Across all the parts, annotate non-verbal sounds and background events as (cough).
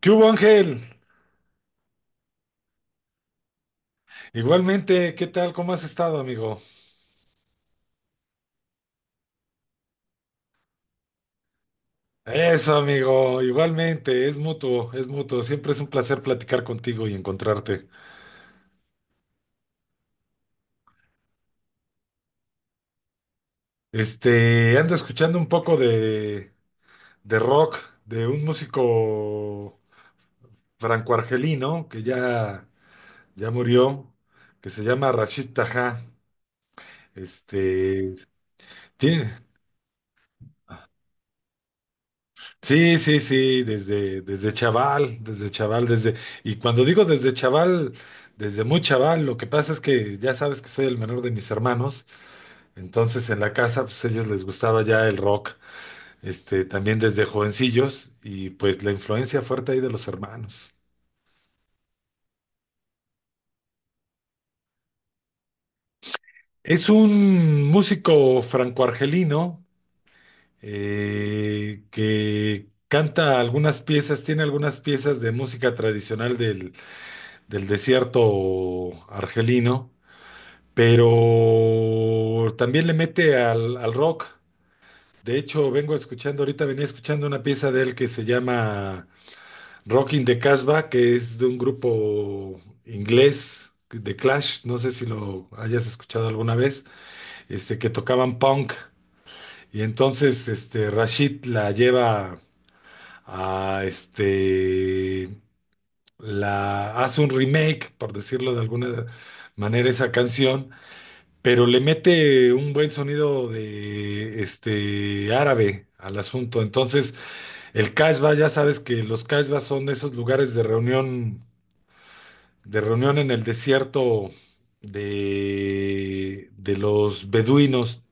¿Qué hubo, Ángel? Igualmente, ¿qué tal? ¿Cómo has estado, amigo? Eso, amigo, igualmente, es mutuo, es mutuo. Siempre es un placer platicar contigo y encontrarte. Ando escuchando un poco de rock de un músico franco-argelino que ya murió, que se llama Rashid Taha. Este, tiene. Sí, sí, sí, desde chaval, y cuando digo desde chaval, desde muy chaval, lo que pasa es que ya sabes que soy el menor de mis hermanos. Entonces en la casa, pues a ellos les gustaba ya el rock, también desde jovencillos, y pues la influencia fuerte ahí de los hermanos. Es un músico franco-argelino, que canta algunas piezas, tiene algunas piezas de música tradicional del desierto argelino, pero también le mete al rock. De hecho, vengo escuchando, ahorita venía escuchando una pieza de él que se llama Rocking the Casbah, que es de un grupo inglés de Clash, no sé si lo hayas escuchado alguna vez, que tocaban punk. Y entonces, Rashid la lleva a este, la hace un remake, por decirlo de alguna manera, esa canción, pero le mete un buen sonido de este árabe al asunto. Entonces, el Casbah, ya sabes que los Casbah son esos lugares de reunión en el desierto de los beduinos,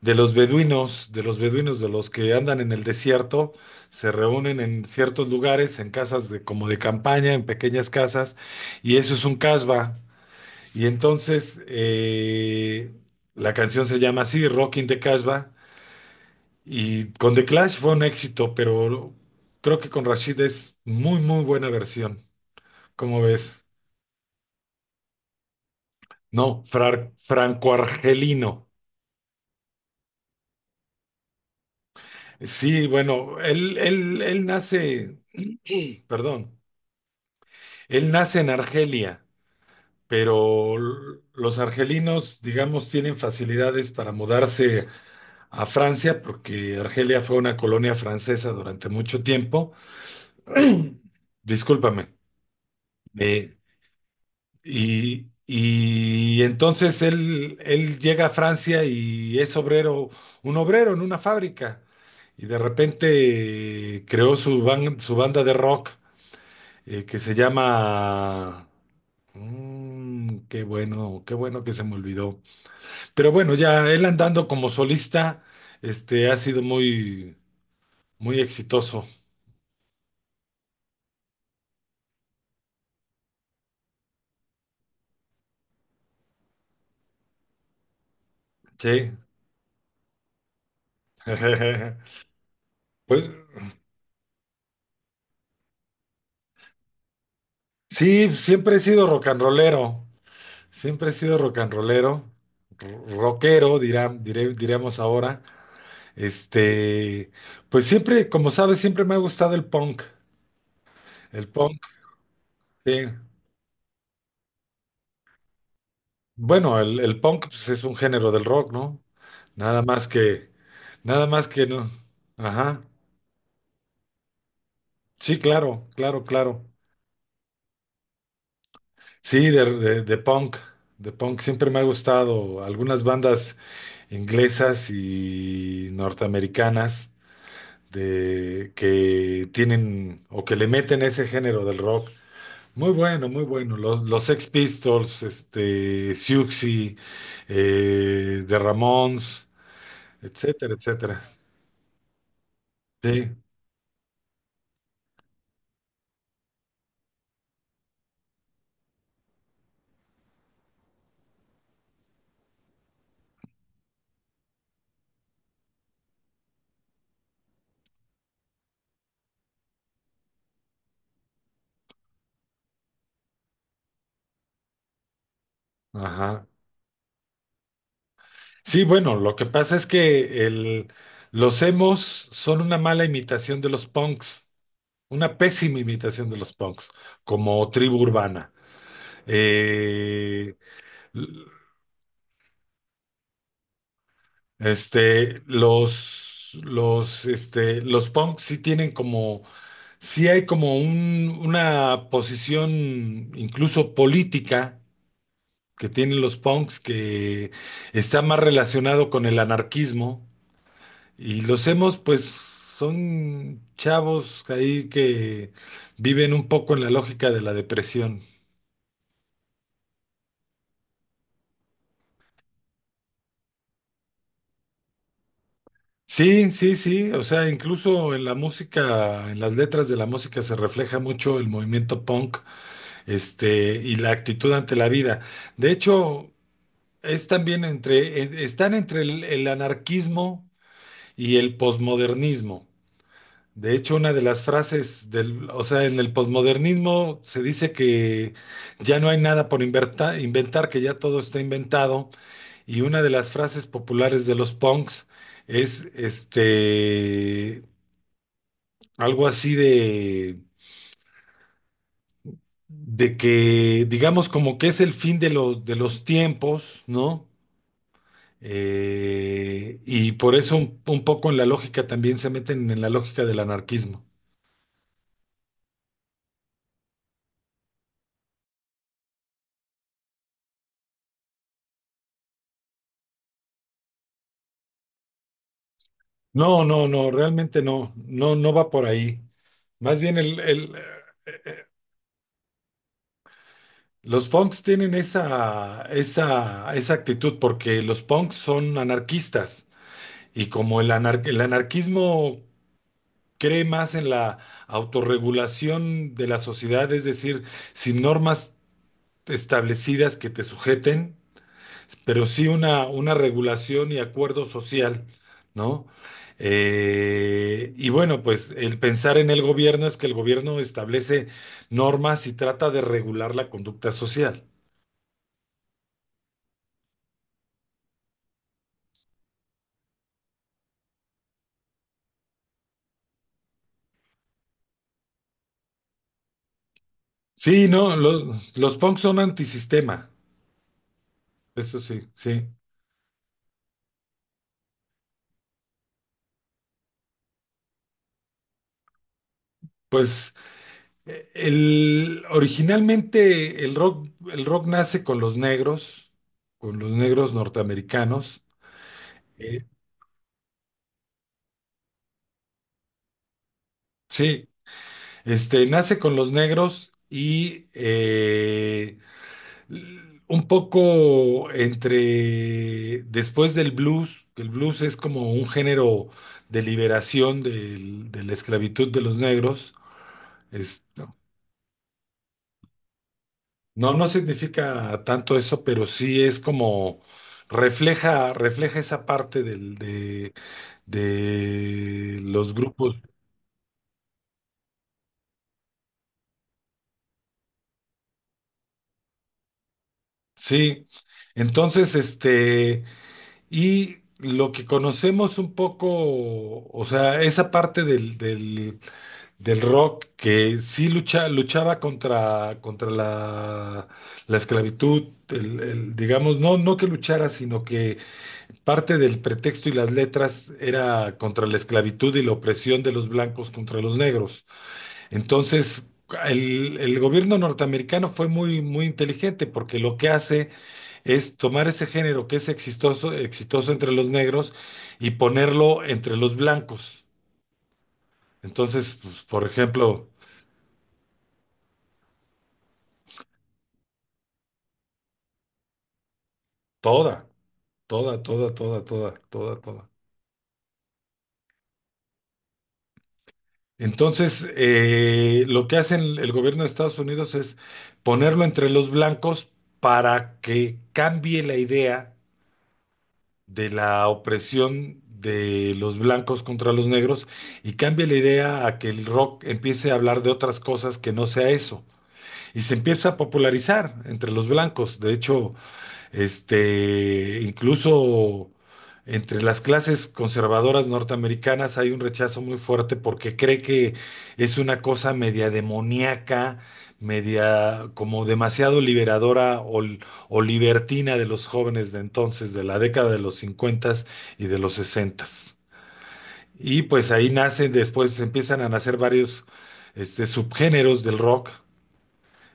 de los que andan en el desierto, se reúnen en ciertos lugares, en casas como de campaña, en pequeñas casas, y eso es un Casbah. Y entonces, la canción se llama así, Rockin' the Casbah, y con The Clash fue un éxito, pero creo que con Rashid es muy, muy buena versión. ¿Cómo ves? No, franco-argelino. Sí, bueno, él nace, (clears throat) perdón, él nace en Argelia, pero los argelinos, digamos, tienen facilidades para mudarse a Francia, porque Argelia fue una colonia francesa durante mucho tiempo. (clears throat) Discúlpame. Eh, y entonces él llega a Francia y es obrero, un obrero en una fábrica. Y de repente, creó su banda de rock, que se llama... Qué bueno, qué bueno que se me olvidó. Pero bueno, ya él andando como solista, ha sido muy, muy exitoso. Sí. (laughs) Pues sí, siempre he sido rock and rollero. Siempre he sido rock and rollero. Rockero, dirán, diríamos ahora. Este, pues siempre, como sabes, siempre me ha gustado el punk. El punk, sí. Bueno, el punk pues, es un género del rock, ¿no? Nada más que, Nada más que no. Ajá. Sí, claro, claro, claro. Sí, de punk siempre me ha gustado. Algunas bandas inglesas y norteamericanas de que tienen o que le meten ese género del rock. Muy bueno, muy bueno. Los Sex Pistols, Siouxsie, The Ramones, etcétera, etcétera. Sí, ajá. Sí, bueno, lo que pasa es que los emos son una mala imitación de los punks. Una pésima imitación de los punks, como tribu urbana. Eh, l- los punks sí tienen como, sí hay como una posición incluso política que tienen los punks, que está más relacionado con el anarquismo. Y los hemos, pues, son chavos ahí que viven un poco en la lógica de la depresión. Sí, sí, sí, o sea, incluso en la música, en las letras de la música se refleja mucho el movimiento punk, y la actitud ante la vida. De hecho, es también están entre el anarquismo y el posmodernismo. De hecho, una de las frases o sea, en el posmodernismo se dice que ya no hay nada por inventar, que ya todo está inventado, y una de las frases populares de los punks es algo así de que, digamos, como que es el fin de los tiempos, ¿no? Y por eso, un poco, en la lógica también, se meten en la lógica del anarquismo. No, no, no, realmente no, no, no va por ahí. Más bien, los punks tienen esa actitud porque los punks son anarquistas, y como el anarquismo cree más en la autorregulación de la sociedad, es decir, sin normas establecidas que te sujeten, pero sí una regulación y acuerdo social, ¿no? Y bueno, pues el pensar en el gobierno es que el gobierno establece normas y trata de regular la conducta social. Sí, no, los punks son antisistema, eso sí, sí. Pues originalmente el rock nace con los negros norteamericanos. Eh, Sí, nace con los negros y un poco después del blues, que el blues es como un género de liberación de la esclavitud de los negros. No, no significa tanto eso, pero sí es como refleja, refleja esa parte de los grupos. Sí. Entonces, y lo que conocemos un poco, o sea, esa parte del rock que sí luchaba contra la esclavitud, digamos, no que luchara, sino que parte del pretexto y las letras era contra la esclavitud y la opresión de los blancos contra los negros. Entonces, el gobierno norteamericano fue muy, muy inteligente, porque lo que hace es tomar ese género que es exitoso, exitoso entre los negros, y ponerlo entre los blancos. Entonces, pues, por ejemplo, toda, toda, toda, toda, toda, toda, toda. Entonces, lo que hace el gobierno de Estados Unidos es ponerlo entre los blancos, para que cambie la idea de la opresión de los blancos contra los negros, y cambie la idea a que el rock empiece a hablar de otras cosas que no sea eso. Y se empieza a popularizar entre los blancos. De hecho, incluso entre las clases conservadoras norteamericanas hay un rechazo muy fuerte, porque cree que es una cosa media demoníaca, media como demasiado liberadora, o libertina, de los jóvenes de entonces, de la década de los 50 y de los 60. Y pues ahí nacen, después empiezan a nacer varios subgéneros del rock,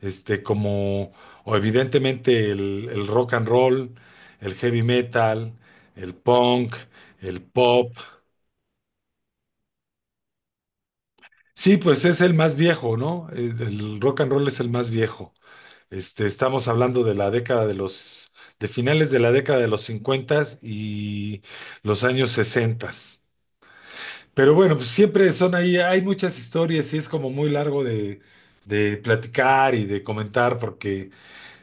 este, como, o evidentemente el rock and roll, el heavy metal, el punk, el pop. Sí, pues es el más viejo, ¿no? El rock and roll es el más viejo. Estamos hablando de la década de finales de la década de los 50 y los años 60. Pero bueno, pues siempre son ahí, hay muchas historias, y es como muy largo de platicar y de comentar, porque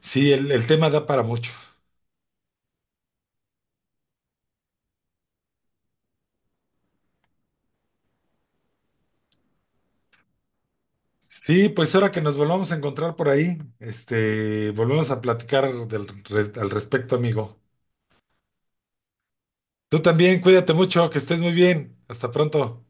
sí, el tema da para mucho. Sí, pues ahora que nos volvamos a encontrar por ahí, volvemos a platicar al respecto, amigo. Tú también, cuídate mucho, que estés muy bien. Hasta pronto.